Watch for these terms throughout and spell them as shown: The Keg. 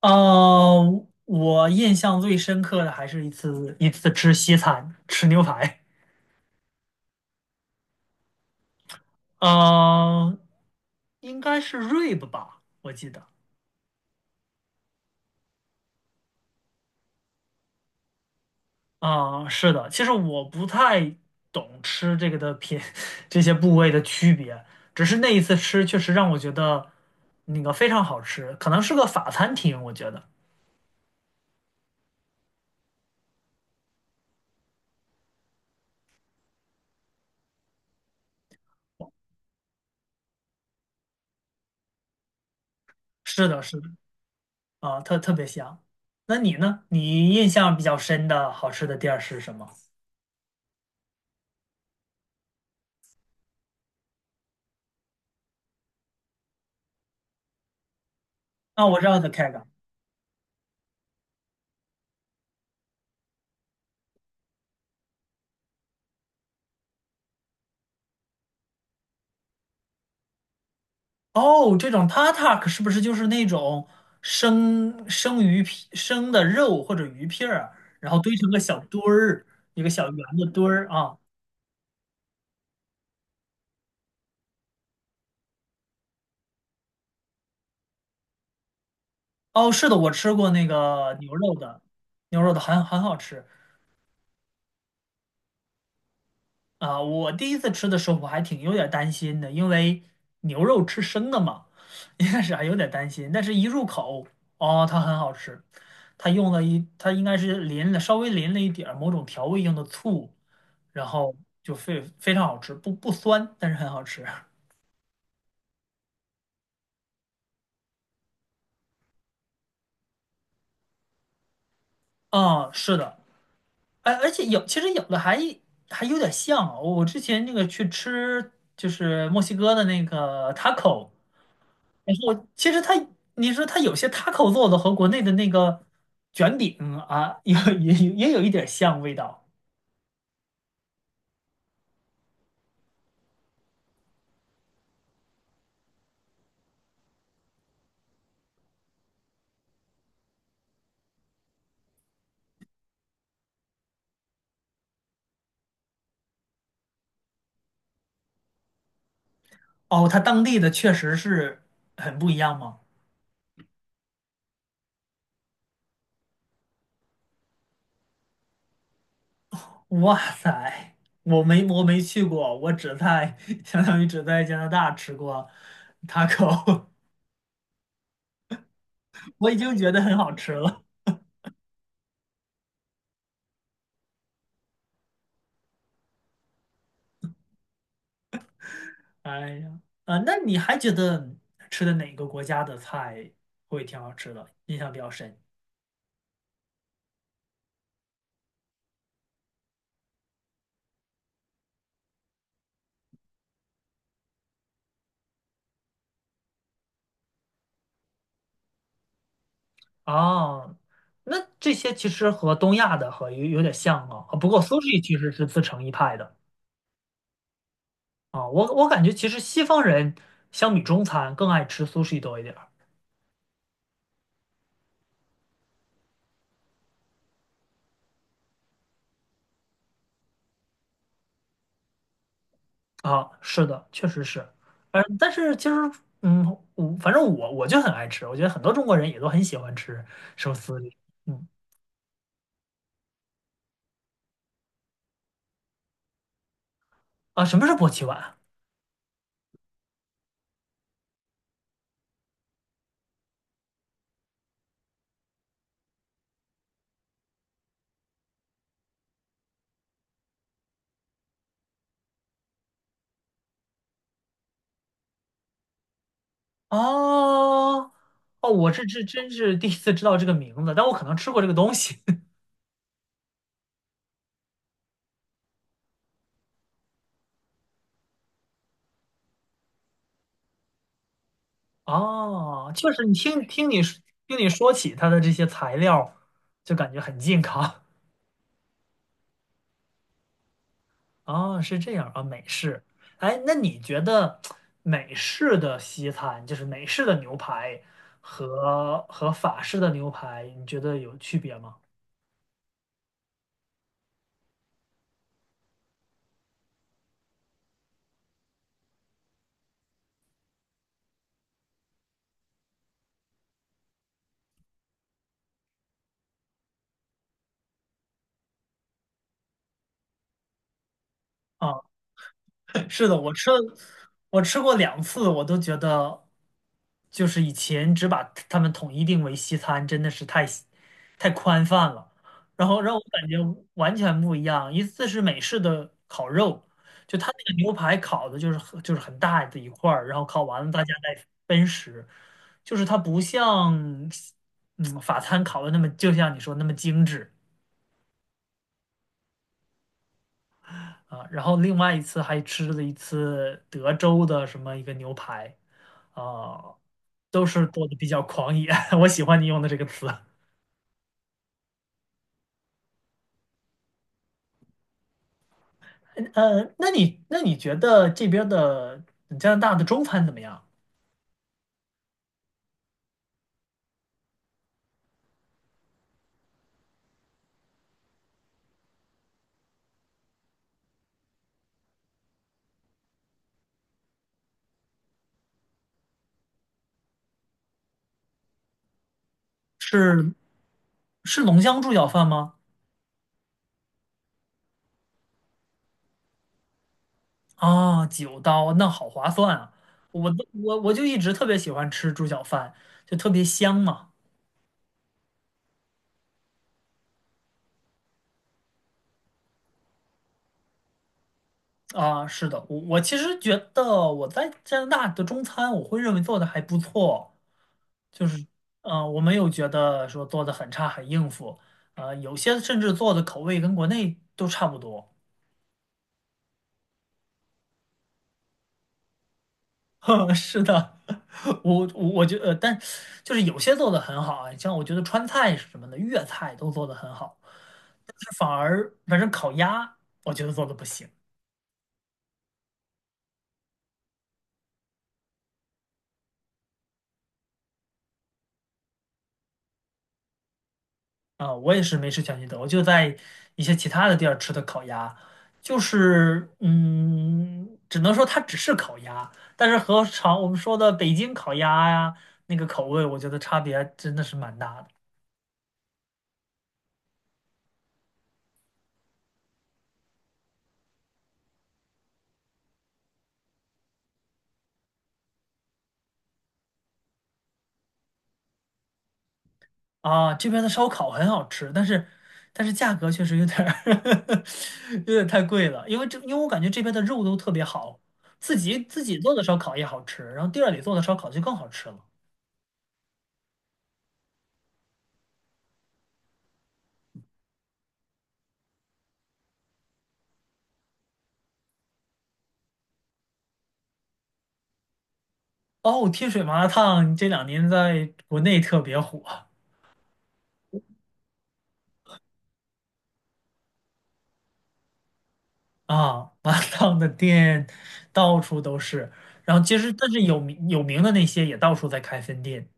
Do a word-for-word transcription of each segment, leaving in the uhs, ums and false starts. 呃，我印象最深刻的还是一次一次吃西餐，吃牛排。呃，应该是 rib 吧，我记得。啊、是的，其实我不太懂吃这个的品，这些部位的区别，只是那一次吃确实让我觉得那个非常好吃，可能是个法餐厅，我觉得。是的，是的，啊、特特别香。那你呢？你印象比较深的好吃的店儿是什么？啊，我知道 The Keg。哦，这种 tatak 是不是就是那种生生鱼片、生的肉或者鱼片儿，然后堆成个小堆儿，一个小圆的堆儿啊？哦，是的，我吃过那个牛肉的，牛肉的很很好吃啊。我第一次吃的时候，我还挺有点担心的，因为牛肉吃生的嘛，一开始还有点担心，但是一入口，哦，它很好吃。它用了一，它应该是淋了稍微淋了一点儿某种调味用的醋。然后就非非常好吃，不不酸，但是很好吃。啊，是的，哎，而且有其实有的还还有点像啊，我之前那个去吃就是墨西哥的那个 taco，然后其实它你说它有些 taco 做的和国内的那个卷饼啊，有也有也有一点像味道。哦，它当地的确实是很不一样吗？哇塞，我没我没去过，我只在 相当于只在加拿大吃过 taco，我已经觉得很好吃了。哎呀，啊，那你还觉得吃的哪个国家的菜会挺好吃的，印象比较深？啊？那这些其实和东亚的和有有点像啊，啊不过 sushi 其实是自成一派的。啊，我我感觉其实西方人相比中餐更爱吃 sushi 多一点儿。啊，是的，确实是，嗯，但是其实，嗯，我反正我我就很爱吃，我觉得很多中国人也都很喜欢吃寿司这种。嗯，啊，什么是波奇碗？哦，哦，我这这真是第一次知道这个名字，但我可能吃过这个东西。哦，确实，你听听你说听你说起它的这些材料，就感觉很健康。哦，是这样啊，美式。哎，那你觉得美式的西餐，就是美式的牛排和和法式的牛排，你觉得有区别吗？啊 是的，我吃我吃过两次，我都觉得就是以前只把他们统一定为西餐，真的是太西太宽泛了，然后让我感觉完全不一样。一次是美式的烤肉，就他那个牛排烤的就是很就是很大的一块儿，然后烤完了大家再分食，就是它不像嗯法餐烤的那么，就像你说那么精致。啊，然后另外一次还吃了一次德州的什么一个牛排，啊，都是做的比较狂野，我喜欢你用的这个词。呃，那你那你觉得这边儿的加拿大的中餐怎么样？是是浓香猪脚饭吗？啊，九刀，那好划算啊！我都我我就一直特别喜欢吃猪脚饭，就特别香嘛。啊，是的，我我其实觉得我在加拿大的中餐，我会认为做的还不错。就是，呃，我没有觉得说做的很差很应付，呃，有些甚至做的口味跟国内都差不多。是的，我我我觉得，但就是有些做的很好啊，像我觉得川菜什么的，粤菜都做的很好，但是反而反正烤鸭，我觉得做的不行。啊，我也是没吃全聚德，我就在一些其他的地儿吃的烤鸭，就是嗯，只能说它只是烤鸭，但是和常我们说的北京烤鸭呀，那个口味，我觉得差别真的是蛮大的。啊。这边的烧烤很好吃，但是但是价格确实有点儿 有点太贵了，因为这因为我感觉这边的肉都特别好，自己自己做的烧烤也好吃，然后店儿里做的烧烤就更好吃了。哦，天水麻辣烫这两年在国内特别火。啊，麻辣烫的店到处都是，然后其实但是有名有名的那些也到处在开分店，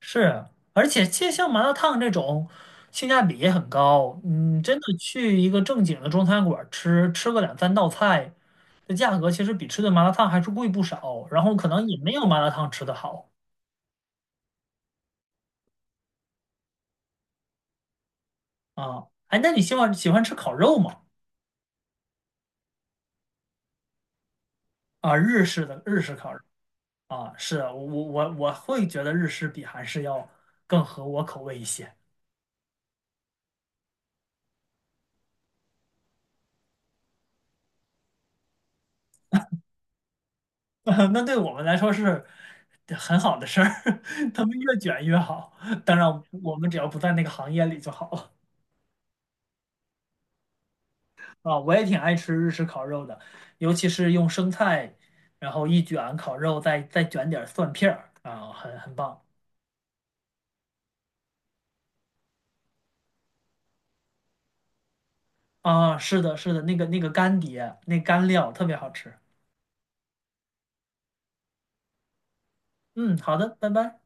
是，而且其实像麻辣烫这种性价比也很高，嗯，真的去一个正经的中餐馆吃，吃个两三道菜，这价格其实比吃顿麻辣烫还是贵不少，然后可能也没有麻辣烫吃的好。啊，哎，那你喜欢喜欢吃烤肉吗？啊，日式的日式烤肉。啊，是我我我会觉得日式比韩式要更合我口味一些。那对我们来说是很好的事儿，他们越卷越好。当然，我们只要不在那个行业里就好了。啊，我也挺爱吃日式烤肉的，尤其是用生菜，然后一卷烤肉，再再卷点儿蒜片儿啊，很很棒啊。是的，是的，那个那个干碟，那干料特别好吃。嗯，好的，拜拜。